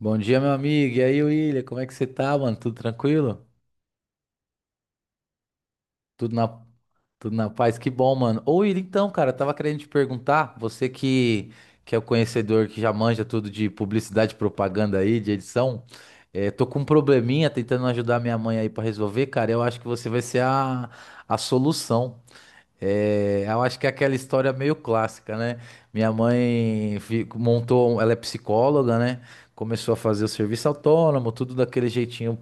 Bom dia, meu amigo. E aí, William, como é que você tá, mano? Tudo tranquilo? Tudo na, tudo na paz? Que bom, mano. Ô, William, então, cara, eu tava querendo te perguntar, que é o conhecedor que já manja tudo de publicidade, propaganda aí, de edição, tô com um probleminha tentando ajudar minha mãe aí pra resolver, cara. Eu acho que você vai ser a solução. Eu acho que é aquela história meio clássica, né? Minha mãe montou, ela é psicóloga, né? Começou a fazer o serviço autônomo, tudo daquele jeitinho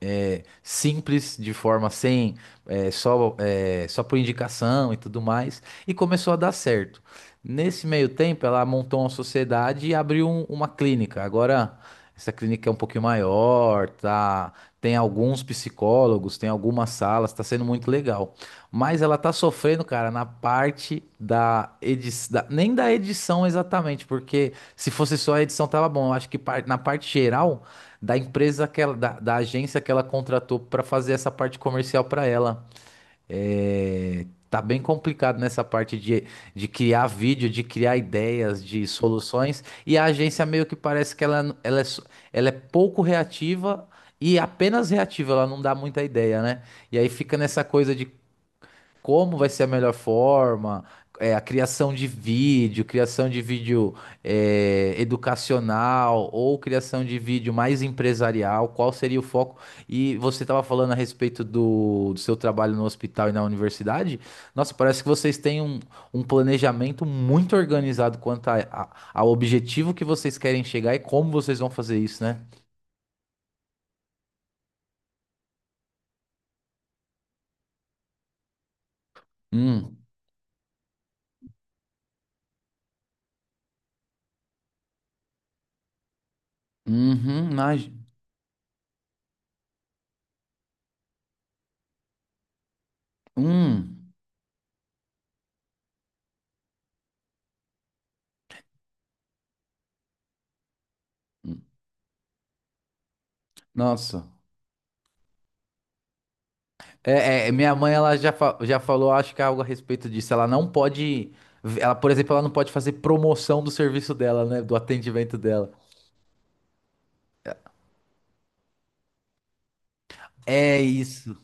é, simples, de forma sem, é, só por indicação e tudo mais, e começou a dar certo. Nesse meio tempo, ela montou uma sociedade e abriu uma clínica. Agora, essa clínica é um pouquinho maior, tá? Tem alguns psicólogos, tem algumas salas, tá sendo muito legal. Mas ela tá sofrendo, cara, na parte da edição, nem da edição exatamente, porque se fosse só a edição tava bom. Eu acho que na parte geral da empresa que ela, da agência que ela contratou para fazer essa parte comercial para ela. É, tá bem complicado nessa parte de criar vídeo, de criar ideias, de soluções. E a agência meio que parece que é, só- ela é pouco reativa e apenas reativa, ela não dá muita ideia, né? E aí fica nessa coisa de como vai ser a melhor forma, é, a criação de vídeo é, educacional ou criação de vídeo mais empresarial, qual seria o foco? E você estava falando a respeito do seu trabalho no hospital e na universidade. Nossa, parece que vocês têm um, um planejamento muito organizado quanto ao objetivo que vocês querem chegar e como vocês vão fazer isso, né? Hum, uhum, imagina. Hum, nossa. É, é, minha mãe, ela já, já falou, acho que é algo a respeito disso. Ela não pode. Ela, por exemplo, ela não pode fazer promoção do serviço dela, né? Do atendimento dela. É isso.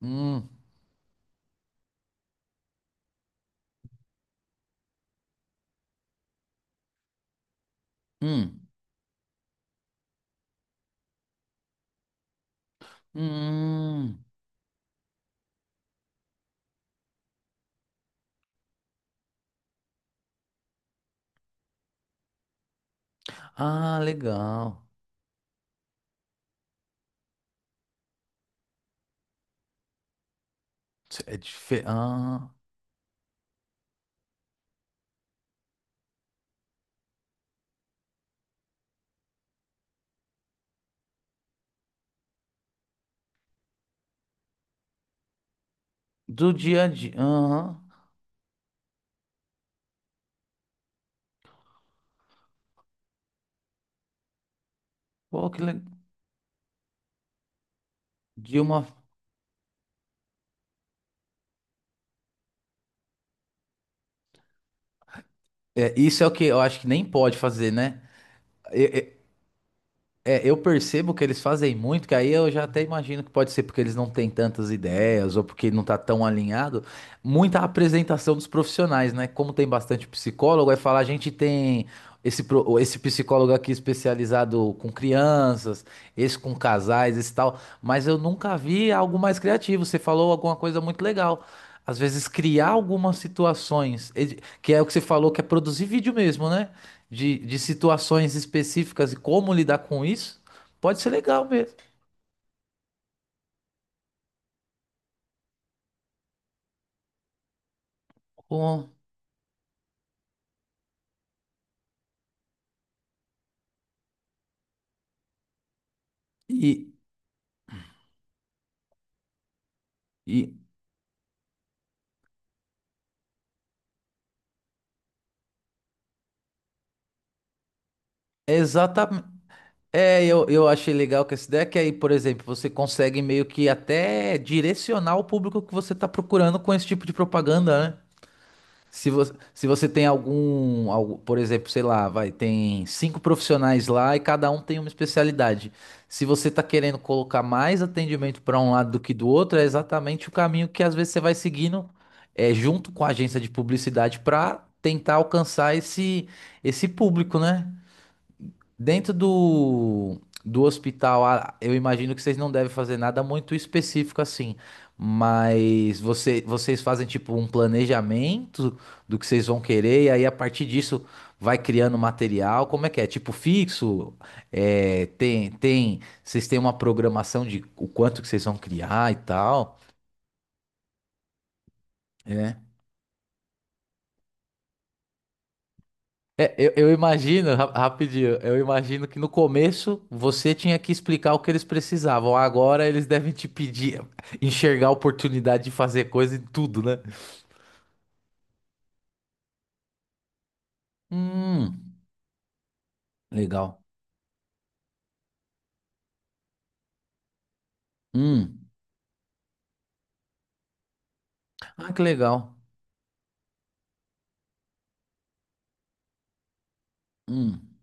Hum, hum, hum. Ah, legal. É diferente. Ah, do dia a dia. Aham. Pô, que legal. De uma. É, isso é o que eu acho que nem pode fazer, né? É, eu percebo que eles fazem muito, que aí eu já até imagino que pode ser porque eles não têm tantas ideias ou porque não tá tão alinhado. Muita apresentação dos profissionais, né? Como tem bastante psicólogo, aí falar a gente tem esse, esse psicólogo aqui especializado com crianças, esse com casais, esse tal, mas eu nunca vi algo mais criativo. Você falou alguma coisa muito legal. Às vezes criar algumas situações, ed- que é o que você falou, que é produzir vídeo mesmo, né? De situações específicas e como lidar com isso, pode ser legal mesmo. Com- E, e exatamente. É, eu achei legal com essa ideia que aí, por exemplo, você consegue meio que até direcionar o público que você está procurando com esse tipo de propaganda, né? Se você tem algum, algu- por exemplo, sei lá, vai, tem cinco profissionais lá e cada um tem uma especialidade. Se você tá querendo colocar mais atendimento para um lado do que do outro, é exatamente o caminho que às vezes você vai seguindo é, junto com a agência de publicidade para tentar alcançar esse, esse público, né? Dentro do hospital, ah, eu imagino que vocês não devem fazer nada muito específico assim, mas você, vocês fazem tipo um planejamento do que vocês vão querer, e aí a partir disso vai criando material. Como é que é? Tipo fixo? É, tem, vocês têm uma programação de o quanto que vocês vão criar e tal? É, eu imagino, rapidinho, eu imagino que no começo você tinha que explicar o que eles precisavam. Agora eles devem te pedir, enxergar a oportunidade de fazer coisa em tudo, né? Hum, legal. Hum, ah, que legal. Hum,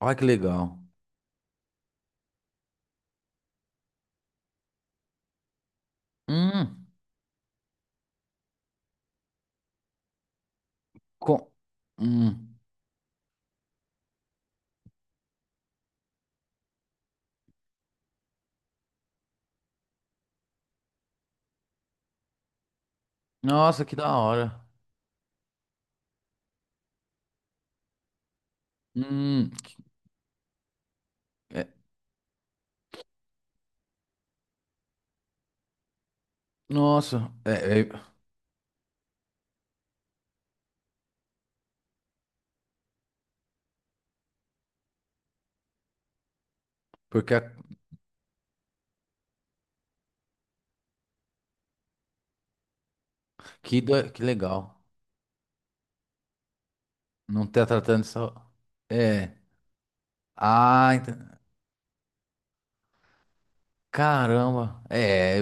olha que legal. Hum, com, hum, nossa, que da hora. Hum, é, nossa, é, é, porque aqui, que da- que legal. Não tá tratando só. É. Ah, ent- Caramba, é,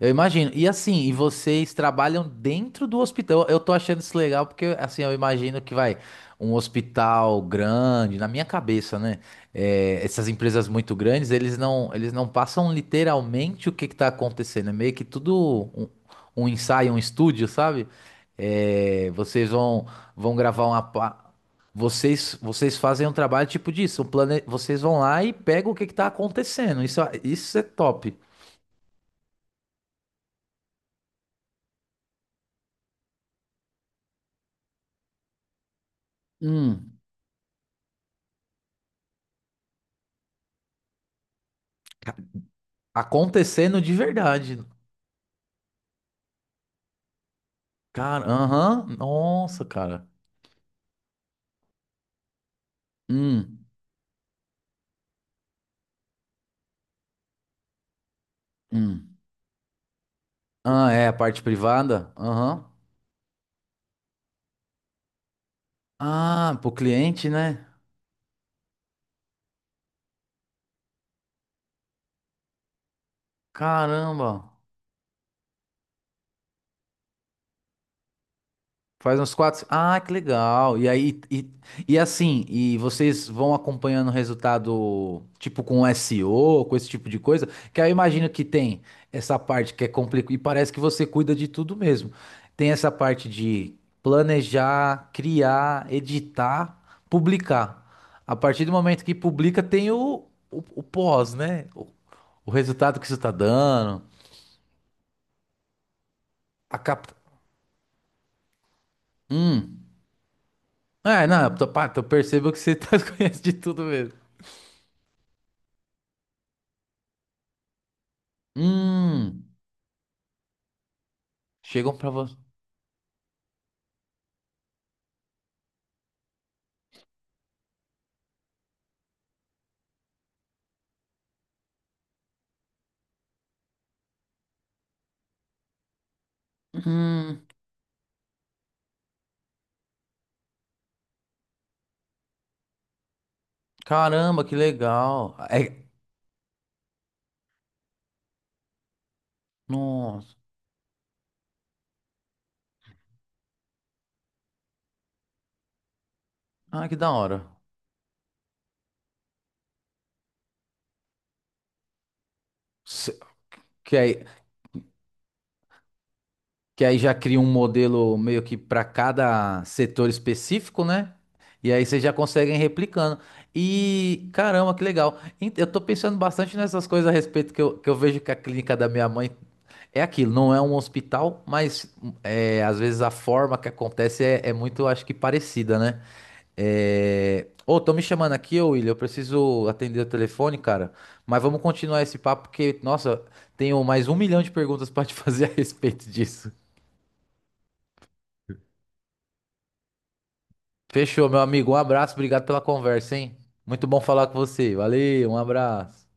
eu imagino. E assim, e vocês trabalham dentro do hospital? Eu tô achando isso legal porque assim, eu imagino que vai um hospital grande, na minha cabeça, né? É, essas empresas muito grandes, eles não passam literalmente o que que tá acontecendo. É meio que tudo um, um ensaio, um estúdio, sabe? É, vão gravar uma, pa- vocês fazem um trabalho tipo disso, um plane... vocês vão lá e pegam o que que tá acontecendo. Isso é top. Hum, ca- acontecendo de verdade. Cara, aham, nossa, cara. Hum, hum. Ah, é a parte privada? Aham. Ah, pro cliente, né? Caramba. Faz uns quatro. Ah, que legal. E aí, e assim, e vocês vão acompanhando o resultado, tipo com SEO, com esse tipo de coisa, que aí eu imagino que tem essa parte que é complicada, e parece que você cuida de tudo mesmo. Tem essa parte de planejar, criar, editar, publicar. A partir do momento que publica, tem o pós, né? O resultado que isso tá dando, a capta. Hum. É, não, eu, tô- pá, eu percebo que você tá, conhece de tudo mesmo. Hum, chegam pra você. Hum, caramba, que legal. É, nossa, ah, que da hora. Se- Que aí, que aí já cria um modelo meio que pra cada setor específico, né? E aí vocês já conseguem replicando. E caramba, que legal. Ent- Eu tô pensando bastante nessas coisas a respeito que eu vejo que a clínica da minha mãe é aquilo, não é um hospital, mas é, às vezes a forma que acontece é, é muito, acho que, parecida, né? É... Ô, tô me chamando aqui, ô William. Eu preciso atender o telefone, cara. Mas vamos continuar esse papo, porque, nossa, tenho mais um milhão de perguntas pra te fazer a respeito disso. Fechou, meu amigo. Um abraço, obrigado pela conversa, hein? Muito bom falar com você. Valeu, um abraço.